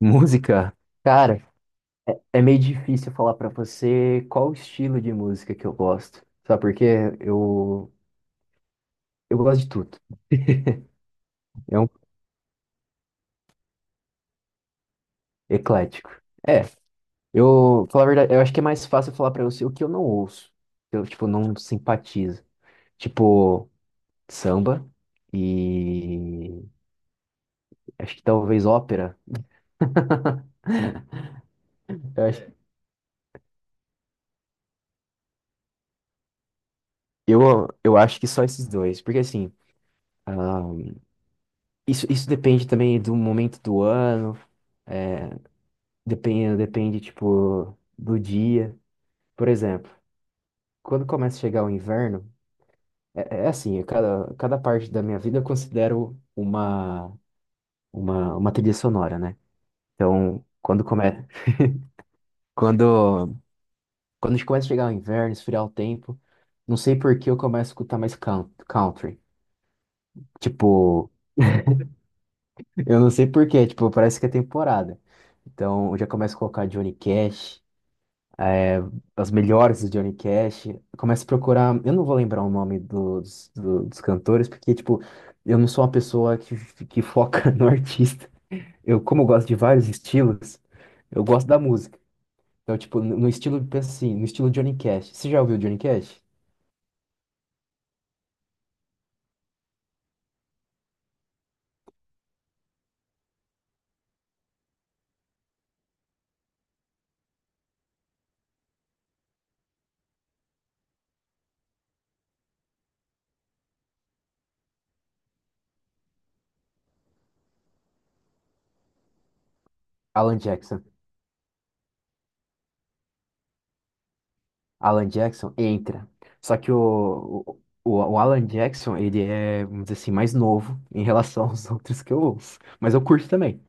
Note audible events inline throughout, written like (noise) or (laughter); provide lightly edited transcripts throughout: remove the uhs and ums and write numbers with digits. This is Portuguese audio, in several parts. Música? Cara, é meio difícil falar pra você qual o estilo de música que eu gosto. Sabe por quê? Eu, eu gosto de tudo. É um eclético. É, eu, falar a verdade, eu acho que é mais fácil falar pra você o que eu não ouço. Eu, tipo, não simpatizo. Tipo, samba e acho que talvez ópera. (laughs) Eu, acho- eu eu acho que só esses dois, porque assim, ah, isso depende também do momento do ano. É, Depende, depende, tipo, do dia. Por exemplo, quando começa a chegar o inverno, cada parte da minha vida eu considero uma trilha sonora, né? Então, quando começa, quando, quando começa a chegar o inverno, esfriar o tempo, não sei por que eu começo a escutar mais country. Tipo, eu não sei por quê, tipo, parece que é temporada. Então, eu já começo a colocar Johnny Cash, as melhores do Johnny Cash. Começa a procurar. Eu não vou lembrar o nome dos cantores, porque, tipo, eu não sou uma pessoa que foca (laughs) no artista. Eu, como eu gosto de vários estilos, eu gosto da música. Então, tipo, no estilo, pensa assim, no estilo Johnny Cash. Você já ouviu Johnny Cash? Alan Jackson. Alan Jackson entra. Só que o Alan Jackson, ele é, vamos dizer assim, mais novo em relação aos (laughs) outros que eu ouço. Mas eu curto também.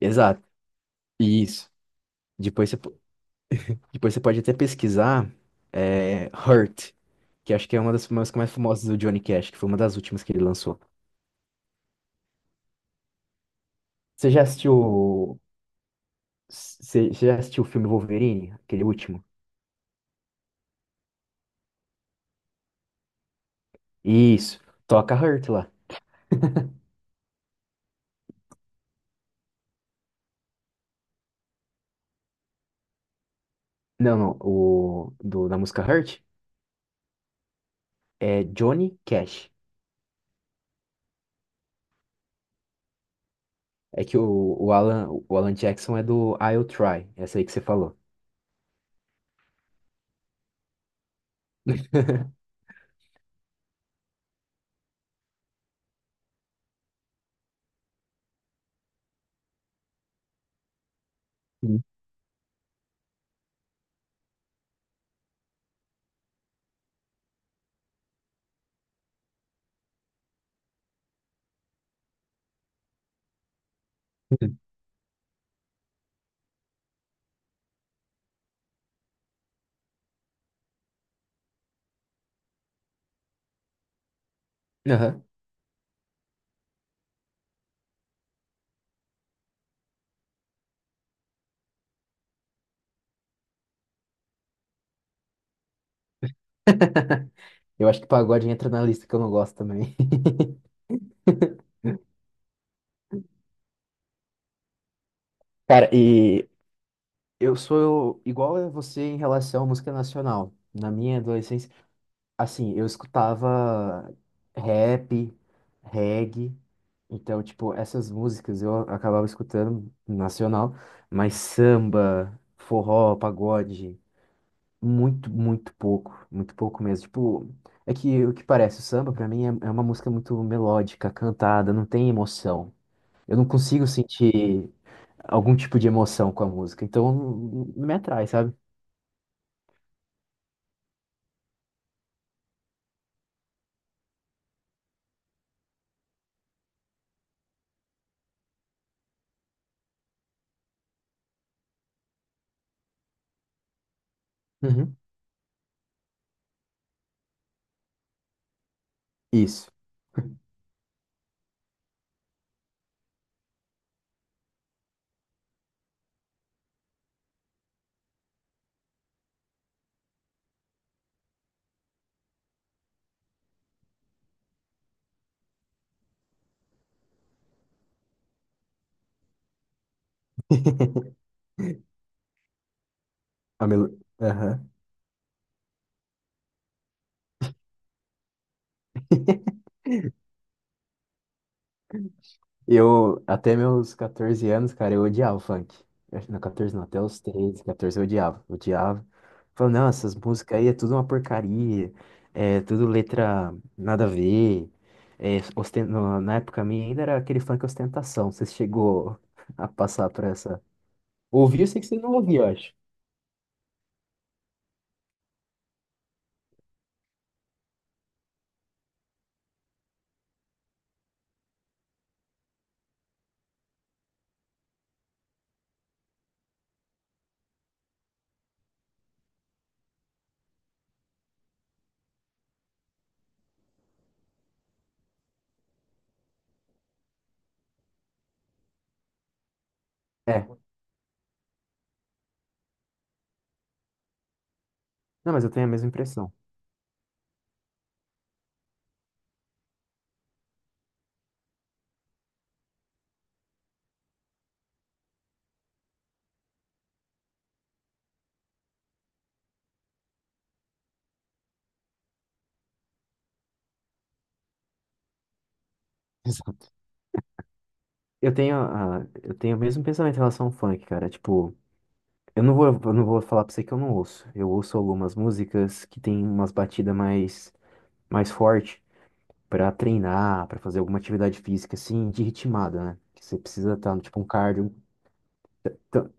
Exato. Isso. Depois você. Depois você pode até pesquisar é, Hurt, que acho que é uma das músicas mais famosas do Johnny Cash, que foi uma das últimas que ele lançou. Você já assistiu. Você já assistiu o filme Wolverine, aquele último? Isso. Toca Hurt lá. Não, não. Da música Hurt é Johnny Cash. É que o Alan Jackson é do I'll Try, essa aí que você falou. (laughs) Sim. Aham. Eu acho que pagode entra na lista que eu não gosto também. (laughs) Cara, e Eu sou igual a você em relação à música nacional. Na minha adolescência, assim, eu escutava rap, reggae, então, tipo, essas músicas eu acabava escutando nacional, mas samba, forró, pagode, muito, muito pouco mesmo. Tipo, é que o que parece, o samba pra mim é, é uma música muito melódica, cantada, não tem emoção. Eu não consigo sentir algum tipo de emoção com a música, então não me atrai, sabe? Uhum. Isso. Aham. Eu, até meus 14 anos, cara, eu odiava o funk. Não, 14 não, até os 13, 14 eu odiava. Odiava. Falei, não, essas músicas aí é tudo uma porcaria. É tudo letra nada a ver. Na época minha ainda era aquele funk ostentação. Você chegou (laughs) a passar por essa. Ouvi, eu sei que você não ouvia, eu acho. É. Não, mas eu tenho a mesma impressão. Exato. Eu tenho o mesmo pensamento em relação ao funk, cara. Tipo. Eu não vou falar pra você que eu não ouço. Eu ouço algumas músicas que tem umas batidas mais forte pra treinar, pra fazer alguma atividade física, assim, de ritmada, né? Que você precisa estar, tipo, um cardio. Então,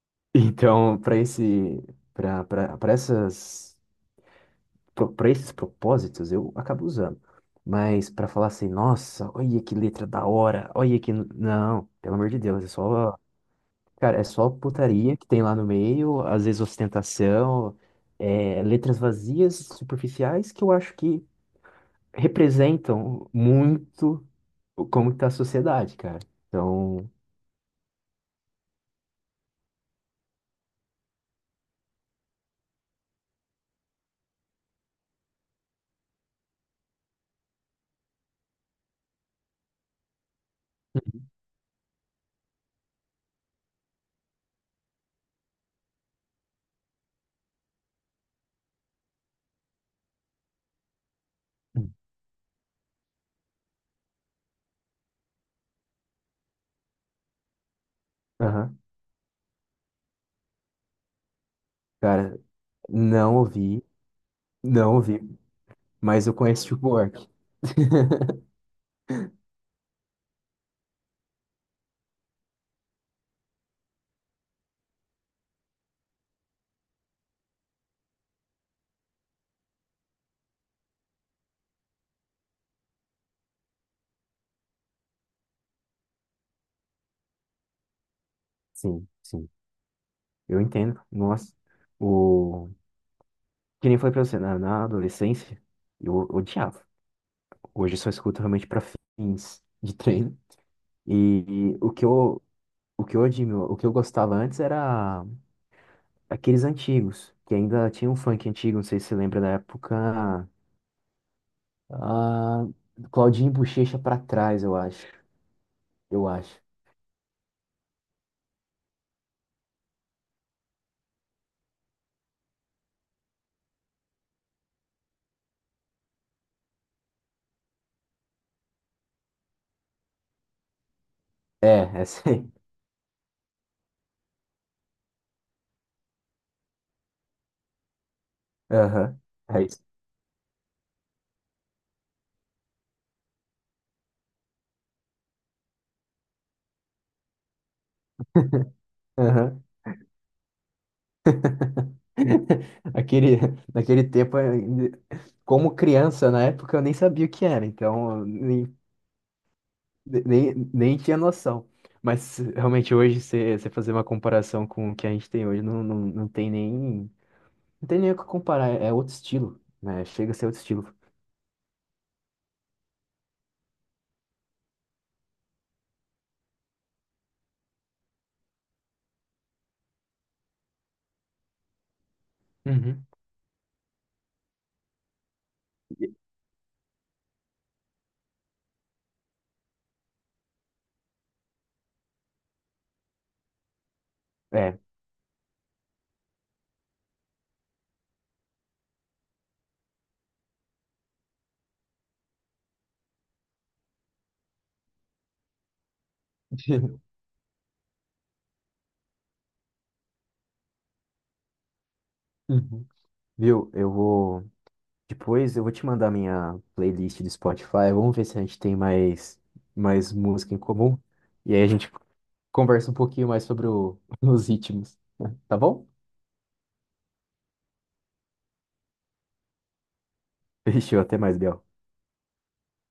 (laughs) então pra esse, pra, pra, pra essas, pro- pra esses propósitos, eu acabo usando. Mas pra falar assim, nossa, olha que letra da hora, olha que... Não, pelo amor de Deus, é só cara, é só putaria que tem lá no meio, às vezes ostentação, é, letras vazias, superficiais, que eu acho que representam muito como está a sociedade, cara. Então, aham, cara, não ouvi, não ouvi, mas eu conheço tipo, o Work. Sim, sim, eu entendo. O... Que nem eu falei pra você, na adolescência, eu odiava. Hoje eu só escuto realmente pra fins de treino. E, e o que eu O que eu admiro, o que eu gostava antes era aqueles antigos, que ainda tinha um funk antigo, não sei se você lembra da época. Ah, Claudinho e Bochecha pra trás, eu acho. Eu acho. É, é sim. (laughs) Aham. É isso. Aham. (laughs) Aquele, naquele tempo, como criança, na época, eu nem sabia o que era, então eu nem tinha noção. Mas realmente hoje, você fazer uma comparação com o que a gente tem hoje, não tem nem. Não tem nem o que comparar, é é outro estilo, né? Chega a ser outro estilo. Uhum. É. (laughs) Uhum. Viu? Eu vou. Depois eu vou te mandar minha playlist do Spotify. Vamos ver se a gente tem mais, mais música em comum. E aí a gente conversa um pouquinho mais sobre (laughs) os ritmos. Tá bom? Fechou, até mais, Bel.